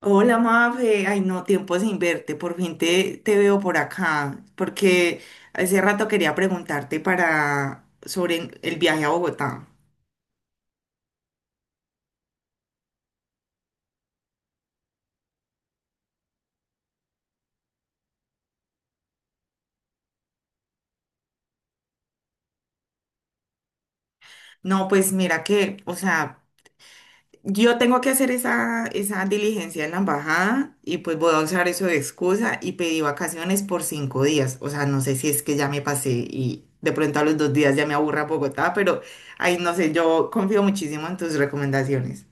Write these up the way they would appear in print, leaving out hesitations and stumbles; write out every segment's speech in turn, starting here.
Hola, Mafe. Ay, no, tiempo sin verte. Por fin te veo por acá, porque hace rato quería preguntarte para sobre el viaje a Bogotá. No, pues mira que, o sea, yo tengo que hacer esa diligencia en la embajada y pues voy a usar eso de excusa y pedí vacaciones por 5 días. O sea, no sé si es que ya me pasé y de pronto a los 2 días ya me aburra Bogotá, pero ay, no sé, yo confío muchísimo en tus recomendaciones.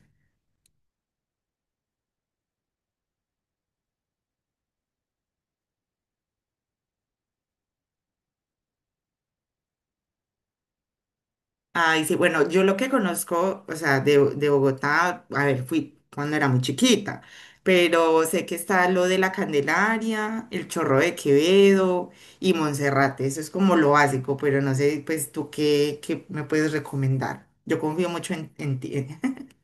Ay, sí, bueno, yo lo que conozco, o sea, de Bogotá, a ver, fui cuando era muy chiquita, pero sé que está lo de la Candelaria, el Chorro de Quevedo y Monserrate, eso es como lo básico, pero no sé, pues tú qué me puedes recomendar. Yo confío mucho en ti.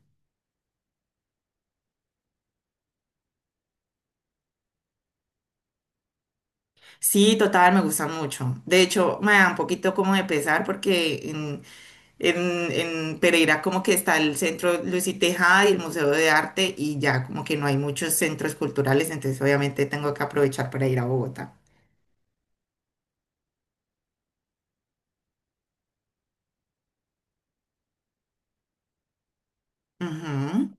Sí, total, me gusta mucho. De hecho, me da un poquito como de pesar porque en Pereira como que está el Centro Luis y Tejada y el Museo de Arte y ya como que no hay muchos centros culturales, entonces obviamente tengo que aprovechar para ir a Bogotá. Ujú,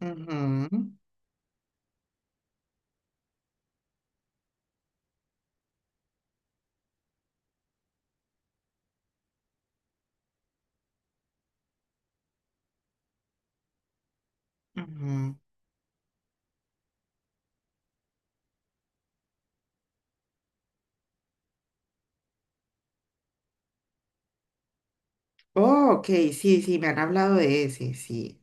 ujú, ujú. Oh, ok, sí, sí, me han hablado de ese, sí.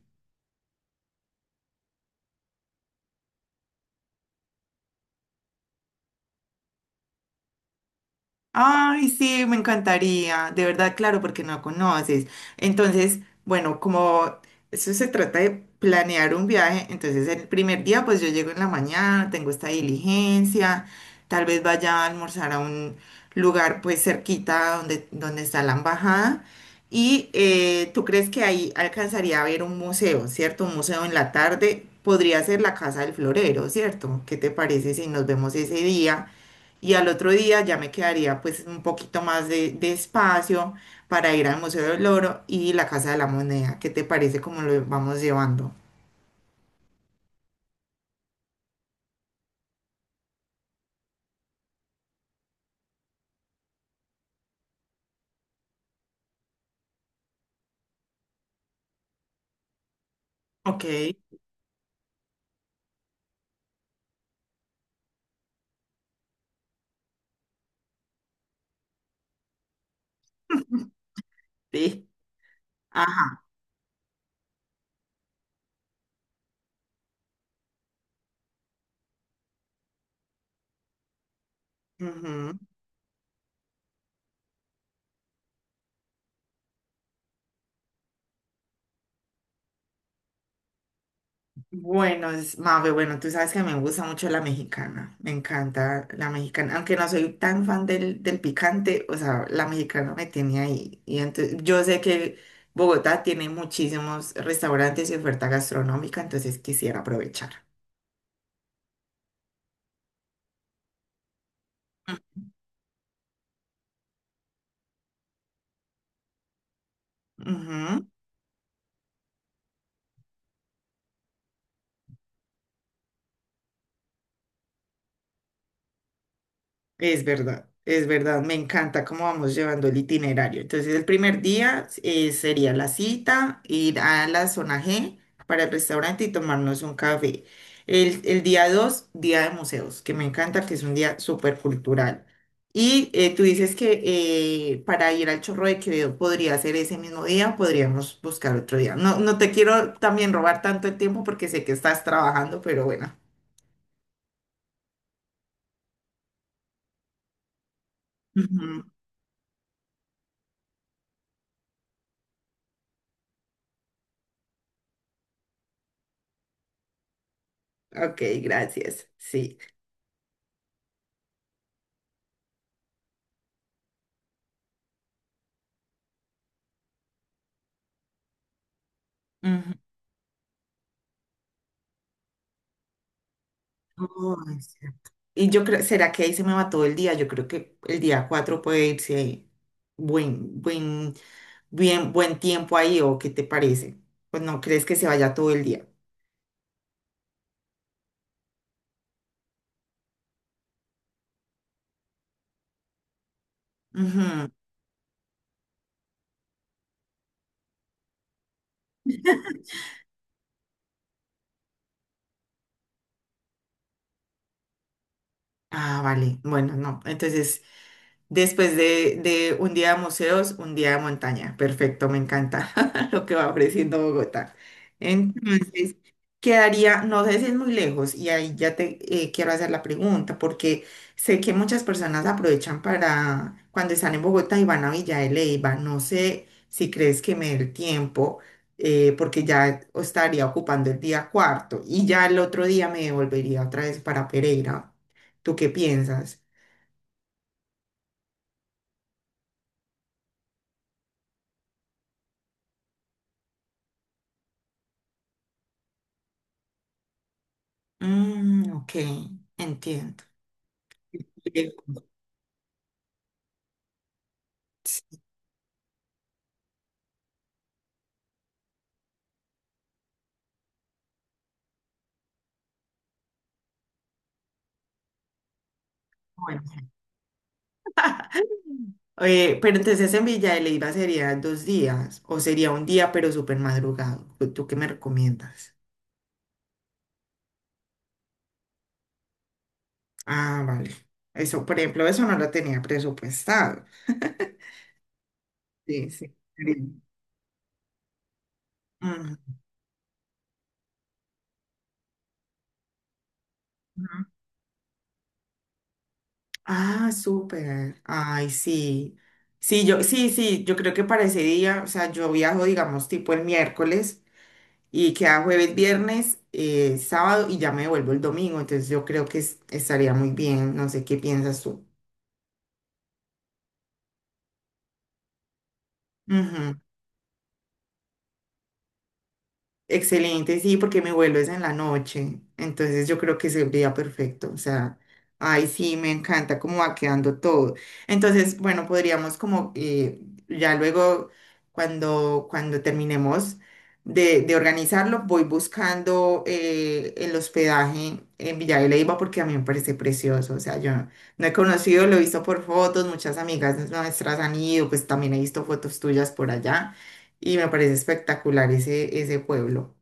Ay, sí, me encantaría, de verdad, claro, porque no conoces. Entonces, bueno, como eso se trata de planear un viaje, entonces el primer día, pues yo llego en la mañana, tengo esta diligencia, tal vez vaya a almorzar a un lugar pues cerquita donde, donde está la embajada. Y tú crees que ahí alcanzaría a ver un museo, ¿cierto? Un museo en la tarde podría ser la Casa del Florero, ¿cierto? ¿Qué te parece si nos vemos ese día? Y al otro día ya me quedaría pues un poquito más de espacio para ir al Museo del Oro y la Casa de la Moneda. ¿Qué te parece cómo lo vamos llevando? Ok. Sí. Ajá. Ujú. Bueno, es, Mafe, bueno, tú sabes que me gusta mucho la mexicana. Me encanta la mexicana. Aunque no soy tan fan del picante, o sea, la mexicana me tiene ahí. Y entonces yo sé que Bogotá tiene muchísimos restaurantes y oferta gastronómica, entonces quisiera aprovechar. Ujú. Es verdad, me encanta cómo vamos llevando el itinerario. Entonces, el primer día sería la cita, ir a la zona G para el restaurante y tomarnos un café. El día 2 día de museos, que me encanta, que es un día súper cultural. Y tú dices que para ir al Chorro de Quevedo podría ser ese mismo día o podríamos buscar otro día. No, no te quiero también robar tanto el tiempo porque sé que estás trabajando, pero bueno. Ujú. Ok, gracias. Sí. Ujú. Oh, no es cierto. Y yo creo, ¿será que ahí se me va todo el día? Yo creo que el día 4 puede irse ahí. buen, buen, buen tiempo ahí, ¿o qué te parece? Pues no crees que se vaya todo el día. Ujú. Ah, vale. Bueno, no. Entonces, después de un día de museos, un día de montaña. Perfecto, me encanta lo que va ofreciendo Bogotá. Entonces, quedaría, no sé si es muy lejos, y ahí ya te quiero hacer la pregunta, porque sé que muchas personas aprovechan para cuando están en Bogotá y van a Villa de Leyva. No sé si crees que me dé el tiempo, porque ya estaría ocupando el día cuarto y ya el otro día me devolvería otra vez para Pereira. ¿Tú qué piensas? Mm, ok, entiendo. Eh, sí. Bueno. Mm. Pero entonces en Villa de Leyva sería 2 días o sería un día pero súper madrugado. ¿Tú qué me recomiendas? Ah, vale. Eso, por ejemplo, eso no lo tenía presupuestado. Sí, sí. Sí. Ujú. Ah, súper. Ay, sí. Sí, yo, sí, sí, yo creo que para ese día, o sea, yo viajo, digamos, tipo el miércoles. Y queda jueves, viernes, sábado y ya me devuelvo el domingo. Entonces yo creo que estaría muy bien. No sé qué piensas tú. Ujú. Excelente, sí, porque mi vuelo es en la noche, entonces yo creo que sería perfecto, o sea, ay, sí, me encanta cómo va quedando todo. Entonces, bueno, podríamos como ya luego, cuando terminemos de organizarlo, voy buscando el hospedaje en Villa de Leyva porque a mí me parece precioso, o sea, yo no he conocido, lo he visto por fotos, muchas amigas nuestras han ido, pues también he visto fotos tuyas por allá y me parece espectacular ese pueblo.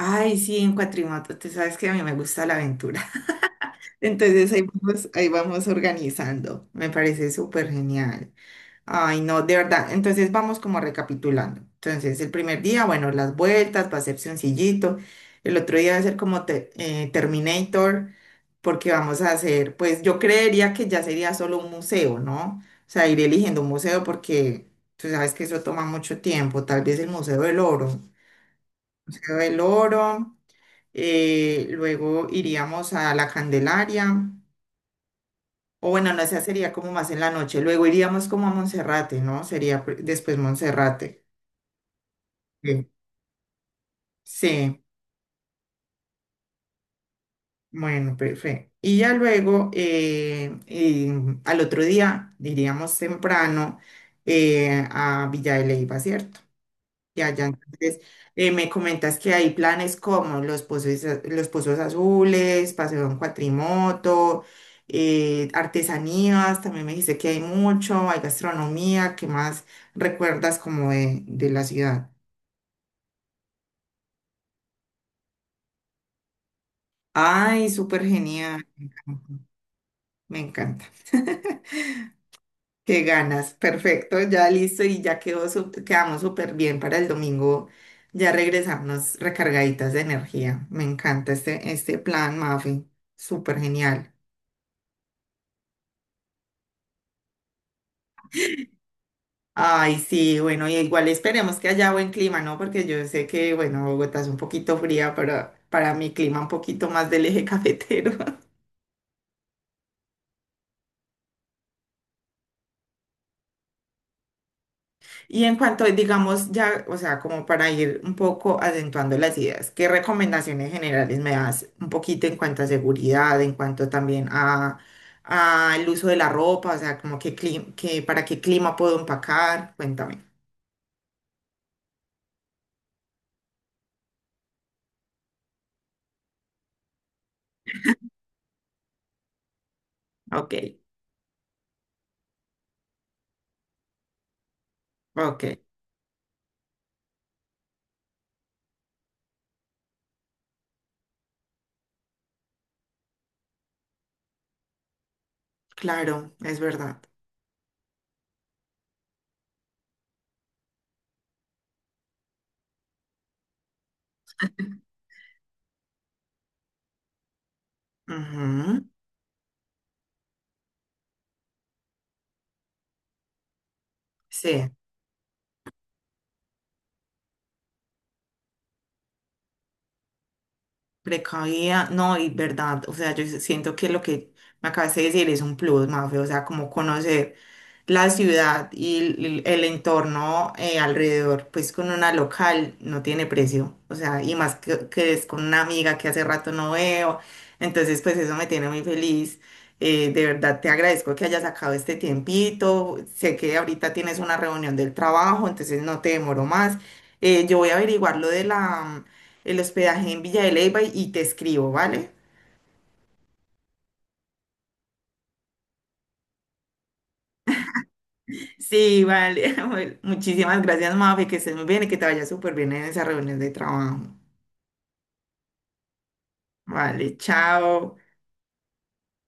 Ay, sí, en cuatrimoto, tú sabes que a mí me gusta la aventura. Entonces ahí vamos organizando. Me parece súper genial. Ay, no, de verdad. Entonces vamos como recapitulando. Entonces el primer día, bueno, las vueltas, va a ser sencillito. El otro día va a ser como Terminator, porque vamos a hacer, pues yo creería que ya sería solo un museo, ¿no? O sea, ir eligiendo un museo porque tú sabes que eso toma mucho tiempo. Tal vez el Museo del Oro. Museo del Oro luego iríamos a la Candelaria, o bueno, no sé, sería como más en la noche, luego iríamos como a Monserrate, ¿no? Sería después Monserrate. Bien. Sí, bueno, perfecto. Y ya luego, al otro día, iríamos temprano a Villa de Leyva, ¿cierto? Ya, ya, entonces me comentas que hay planes como los pozos, los pozos azules, paseo en cuatrimoto, artesanías, también me dijiste que hay mucho, hay gastronomía, ¿qué más recuerdas como de la ciudad? Ay, súper genial, me encanta. Me encanta. Qué ganas, perfecto, ya listo y ya quedó, quedamos súper bien para el domingo, ya regresamos recargaditas de energía. Me encanta este plan, Mafi, súper genial. Ay, sí, bueno, y igual esperemos que haya buen clima, ¿no? Porque yo sé que, bueno, Bogotá es un poquito fría, pero para mi clima un poquito más del eje cafetero. Y en cuanto, digamos, ya, o sea, como para ir un poco acentuando las ideas, ¿qué recomendaciones generales me das un poquito en cuanto a seguridad, en cuanto también a el uso de la ropa, o sea, como que para qué clima puedo empacar? Cuéntame. Ok, ok, claro, es verdad. Ujú. Sí, precavida, no, y verdad, o sea, yo siento que lo que me acabas de decir es un plus, Mafe, o sea, como conocer. La ciudad y el entorno alrededor, pues con una local no tiene precio, o sea, y más que es con una amiga que hace rato no veo, entonces pues eso me tiene muy feliz. De verdad te agradezco que hayas sacado este tiempito, sé que ahorita tienes una reunión del trabajo, entonces no te demoro más. Yo voy a averiguar lo de el hospedaje en Villa de Leyva y te escribo, ¿vale? Sí, vale. Bueno, muchísimas gracias, Mafe, que estés muy bien y que te vaya súper bien en esa reunión de trabajo. Vale, chao.